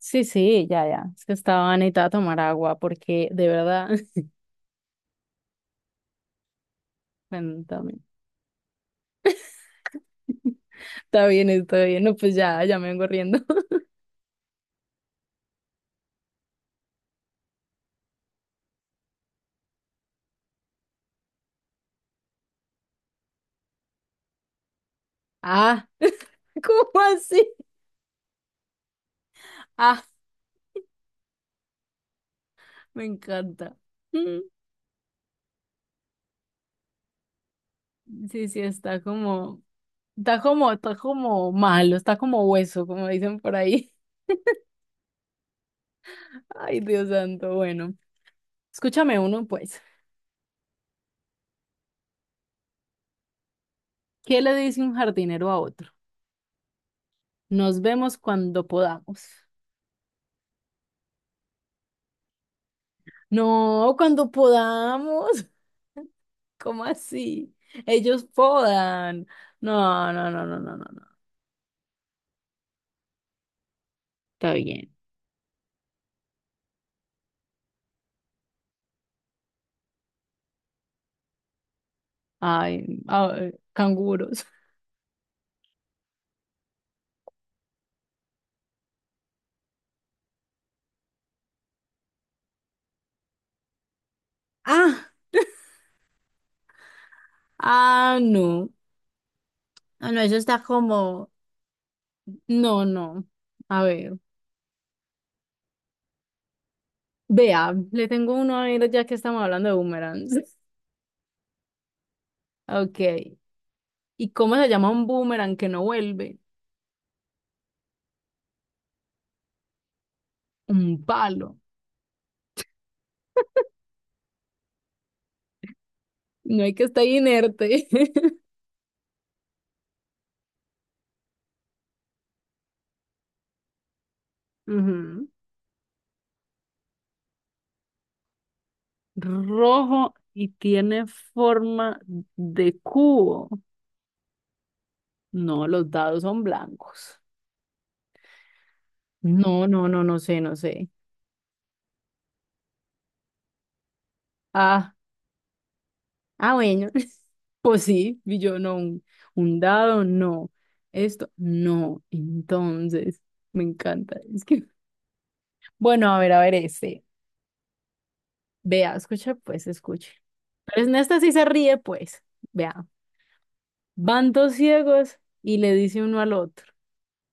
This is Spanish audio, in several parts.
Sí, sí, ya, ya. Es que estaba necesitada tomar agua porque de verdad, bueno, también. Está bien, está bien. No, pues ya, ya me vengo riendo. Ah, ¿cómo así? Ah, me encanta. Mm, Sí, sí, está como malo, está como hueso, como dicen por ahí. Ay, Dios santo, bueno. Escúchame uno, pues. ¿Qué le dice un jardinero a otro? Nos vemos cuando podamos. No, cuando podamos. ¿Cómo así? Ellos podan. No, no, no, no, no, no, no. Está bien. Ay, ay, canguros. Ah, ah, no. Ah, no, eso está como. No, no. A ver. Vea, le tengo uno a ver ya que estamos hablando de boomerangs. Ok. ¿Y cómo se llama un boomerang que no vuelve? Un palo. No hay que estar inerte. Ujú. Rojo y tiene forma de cubo. No, los dados son blancos. No, no, no, no sé, no sé. Ah, ah, bueno. Pues sí, y yo no, un dado, no. Esto, no. Entonces, me encanta. Es que, bueno, a ver, este. Vea, escucha, pues, escuche. Pero en esta sí se ríe, pues. Vea, van dos ciegos y le dice uno al otro,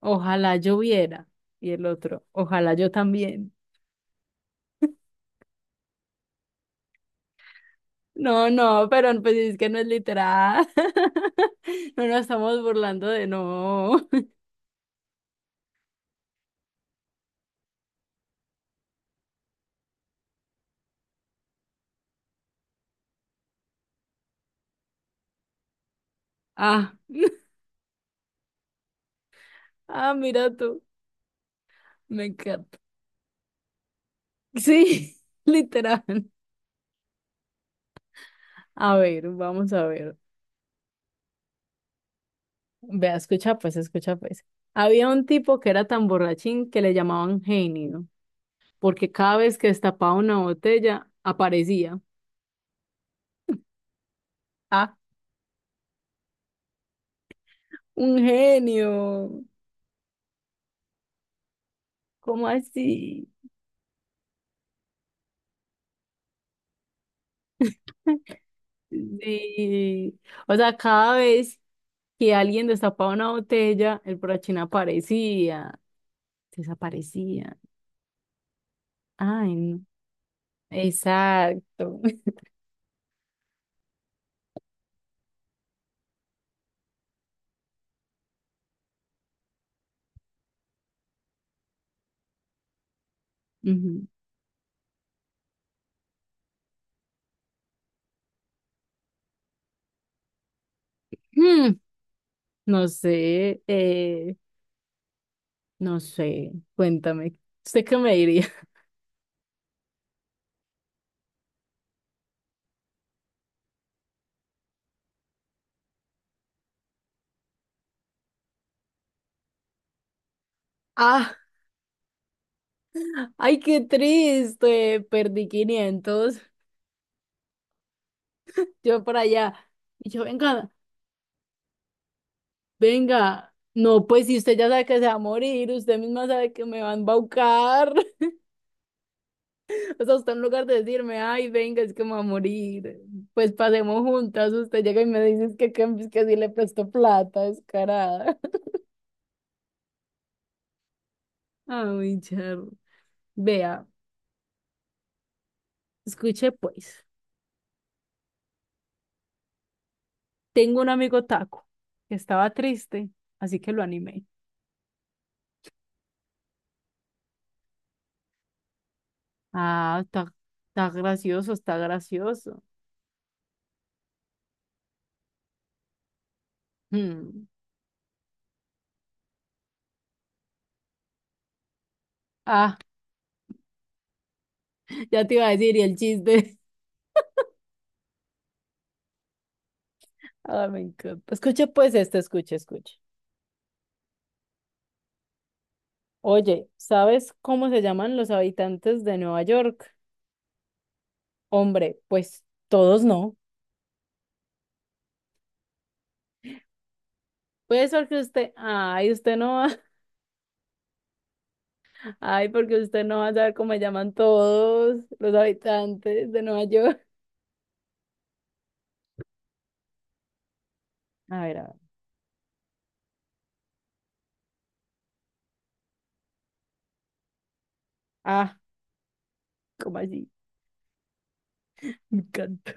ojalá yo viera. Y el otro, ojalá yo también. No, no, pero pues es que no es literal. No nos estamos burlando de no. Ah, ah, mira tú. Me encanta. Sí, literal. A ver, vamos a ver. Vea, escucha pues, escucha pues. Había un tipo que era tan borrachín que le llamaban genio, porque cada vez que destapaba una botella aparecía. Ah, un genio. ¿Cómo así? Sí. O sea, cada vez que alguien destapaba una botella, el borrachín aparecía, desaparecía. Ay, no. Exacto. Ujú. Hmm, no sé, no sé, cuéntame, ¿usted qué me diría? Ah, ay, qué triste, perdí 500 yo por allá, y yo, venga, venga, no, pues si usted ya sabe que se va a morir, usted misma sabe que me va a embaucar. O sea, usted en lugar de decirme, ay, venga, es que me voy a morir, pues pasemos juntas, usted llega y me dice que, que sí le presto plata, descarada. Ay, Charo. Vea, escuche pues, tengo un amigo taco que estaba triste, así que lo animé. Ah, está gracioso, está gracioso. Hmm. Ah, ya te iba a decir, y el chiste. Ah, me encanta. Escuche pues este, escuche, escuche. Oye, ¿sabes cómo se llaman los habitantes de Nueva York? Hombre, pues todos no. Pues porque usted, ay, usted no va, ay, porque usted no va a saber cómo me llaman todos los habitantes de Nueva York. A ver, a ver. Ah, ¿cómo así? Me encanta.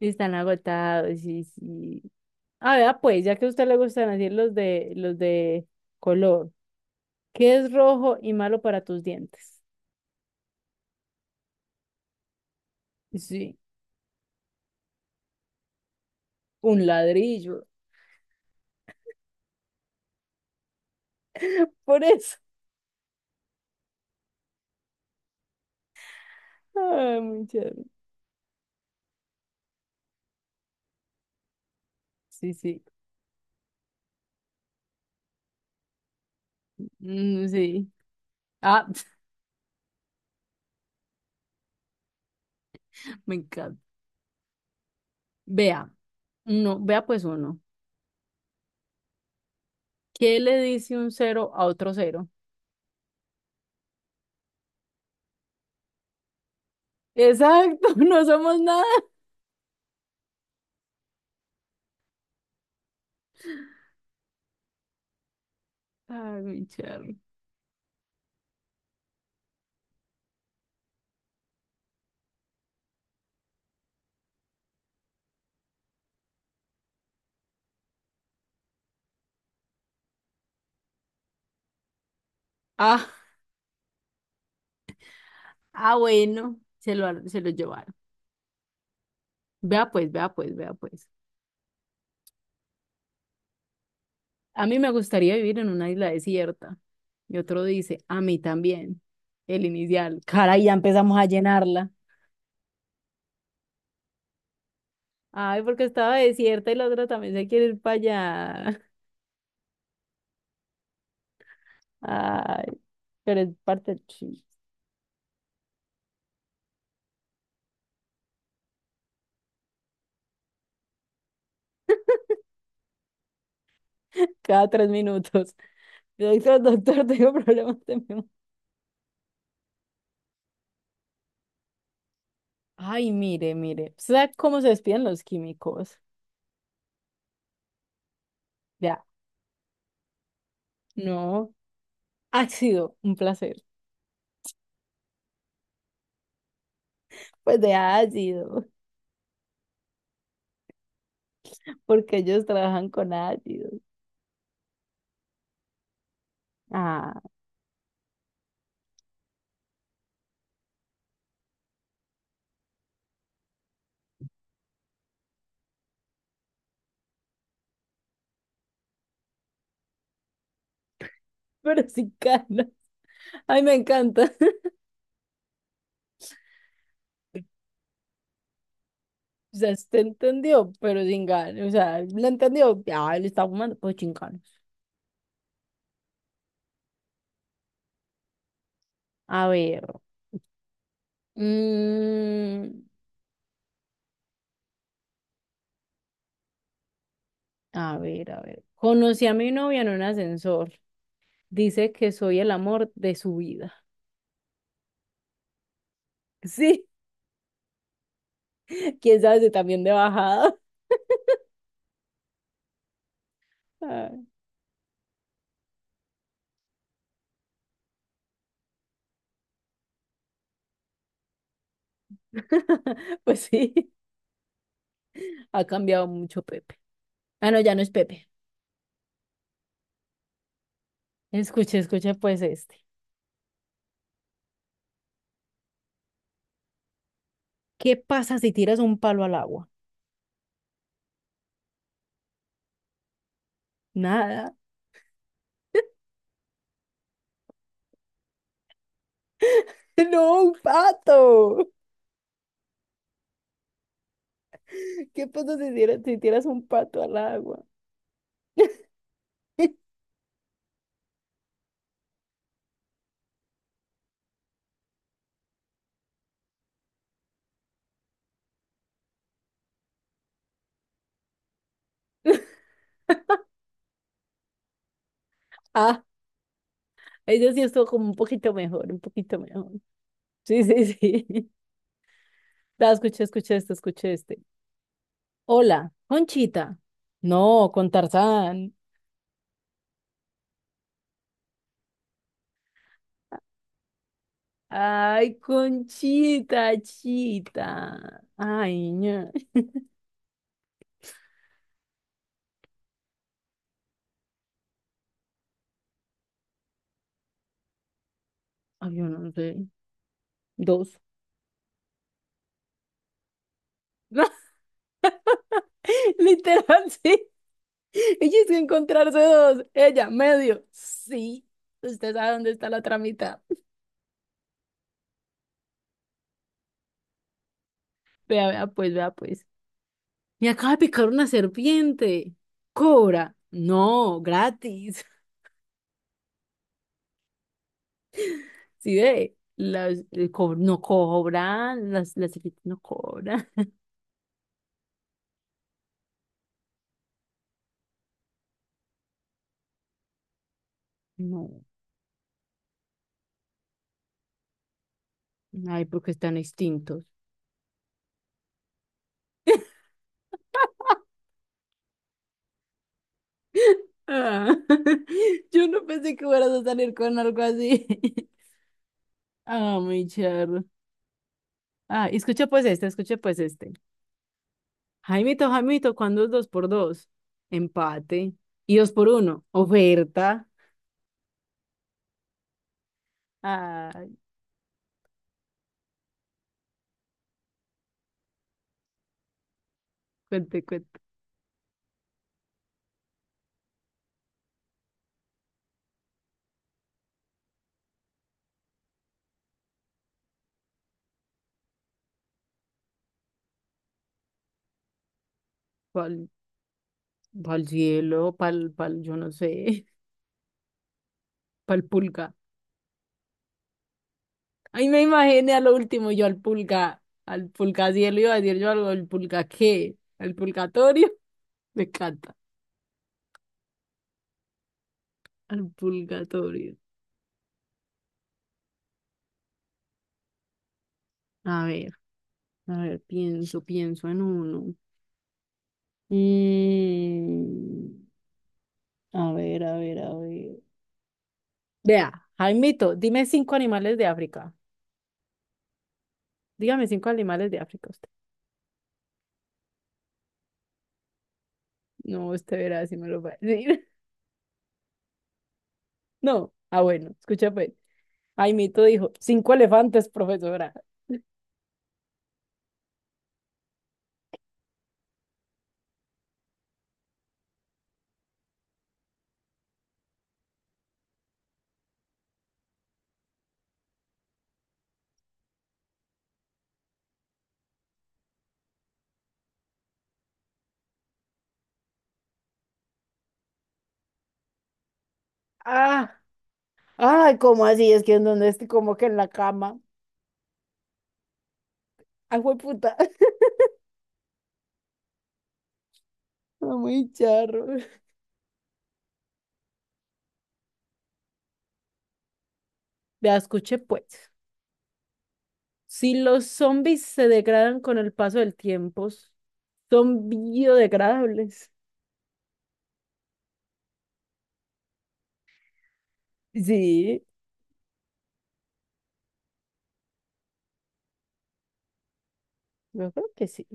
Están agotados, sí, sí. A ver, pues, ya que a usted le gustan así los de color, ¿qué es rojo y malo para tus dientes? Sí, un ladrillo. Por eso. Ay, muy chévere. Sí, sí. Mm, sí. Ah, me encanta. Vea. No, vea pues uno. ¿Qué le dice un cero a otro cero? Exacto, no somos nada. Ay, mi charro. Ah, ah, bueno, se lo llevaron. Vea pues, vea pues, vea pues. A mí me gustaría vivir en una isla desierta. Y otro dice, a mí también. El inicial. Caray, ya empezamos a llenarla. Ay, porque estaba desierta y la otra también se quiere ir para allá. Ay, pero es parte del chiste. Cada 3 minutos. Doctor, doctor, tengo problemas de memoria. Ay, mire, mire. ¿Sabe cómo se despiden los químicos? Ya, no. Ácido, un placer. Pues de ácido, porque ellos trabajan con ácido. Ah, pero sin gana. Ay, me encanta. O sea, usted entendió, pero sin gana. O sea, lo entendió. Ah, él está fumando, pues chingados. A ver. mm, a ver, a ver. Conocí a mi novia en un ascensor. Dice que soy el amor de su vida. Sí, quién sabe si también de bajada. Pues sí, ha cambiado mucho Pepe. Ah, no, ya no es Pepe. Escuche, escuche pues este. ¿Qué pasa si tiras un palo al agua? Nada. No, un pato. ¿Qué pasa si tiras un pato al agua? Ah, ella sí estuvo como un poquito mejor, un poquito mejor. Sí, sí, sí. Da, escuché, escuché este, escuché este. Hola, Conchita. No, con Tarzán. Ay, Conchita, chita. Ay, ña. Ay, yo no sé. Dos. Literal, sí. Ella es que encontrarse dos. Ella, medio. Sí. Usted sabe dónde está la otra mitad. Vea, vea, pues, vea, pues. Me acaba de picar una serpiente. Cobra. No, gratis. Sí, ve. Las, no cobran. Las serpientes no cobran. No. Ay, porque están extintos. Ah, yo no pensé que fueras a salir con algo así. Ah, mi charro. Ah, y escucha pues este, escucha pues este. Jaimito, Jaimito, ¿cuándo es dos por dos? Empate. Y dos por uno, oferta. Ay, cuente, cuente. Pa'l, pa'l cielo, pa'l, yo no sé, pa'l pulga. Ay, me imaginé a lo último yo al pulga, cielo, iba a decir yo algo, ¿al pulga qué? ¿Al pulgatorio? Me encanta, al pulgatorio. A ver, a ver, pienso en uno. Mm, a ver, a ver, a ver. Vea, Jaimito, dime cinco animales de África. Dígame cinco animales de África usted. No, usted verá si me lo va a decir. No. Ah, bueno, escucha pues. Jaimito dijo, cinco elefantes, profesora. Ah, ay, ¿cómo así? Es que en donde estoy como que en la cama. Ay, puta. Muy charro. Vea, escuche pues. Si los zombies se degradan con el paso del tiempo, son biodegradables. Sí, yo creo que sí.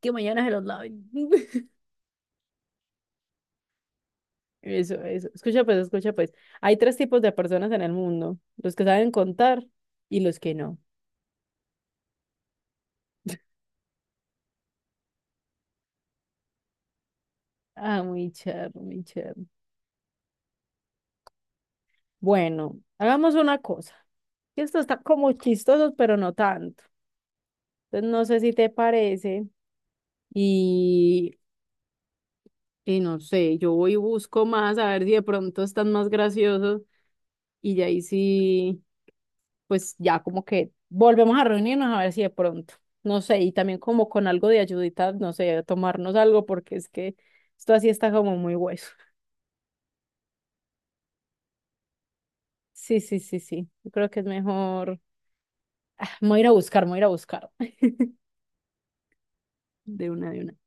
Que mañana se los laven. Eso, eso. Escucha pues, escucha pues. Hay tres tipos de personas en el mundo, los que saben contar y los que no. Ah, muy charro, muy charro. Bueno, hagamos una cosa, que esto está como chistoso, pero no tanto. Entonces no sé si te parece y, y no sé, yo voy y busco más a ver si de pronto están más graciosos y ya ahí sí pues ya como que volvemos a reunirnos a ver si de pronto, no sé, y también como con algo de ayudita, no sé, tomarnos algo porque es que esto así está como muy hueso. Sí, sí, sí, sí. Yo creo que es mejor. Me voy a ir a buscar de una de una.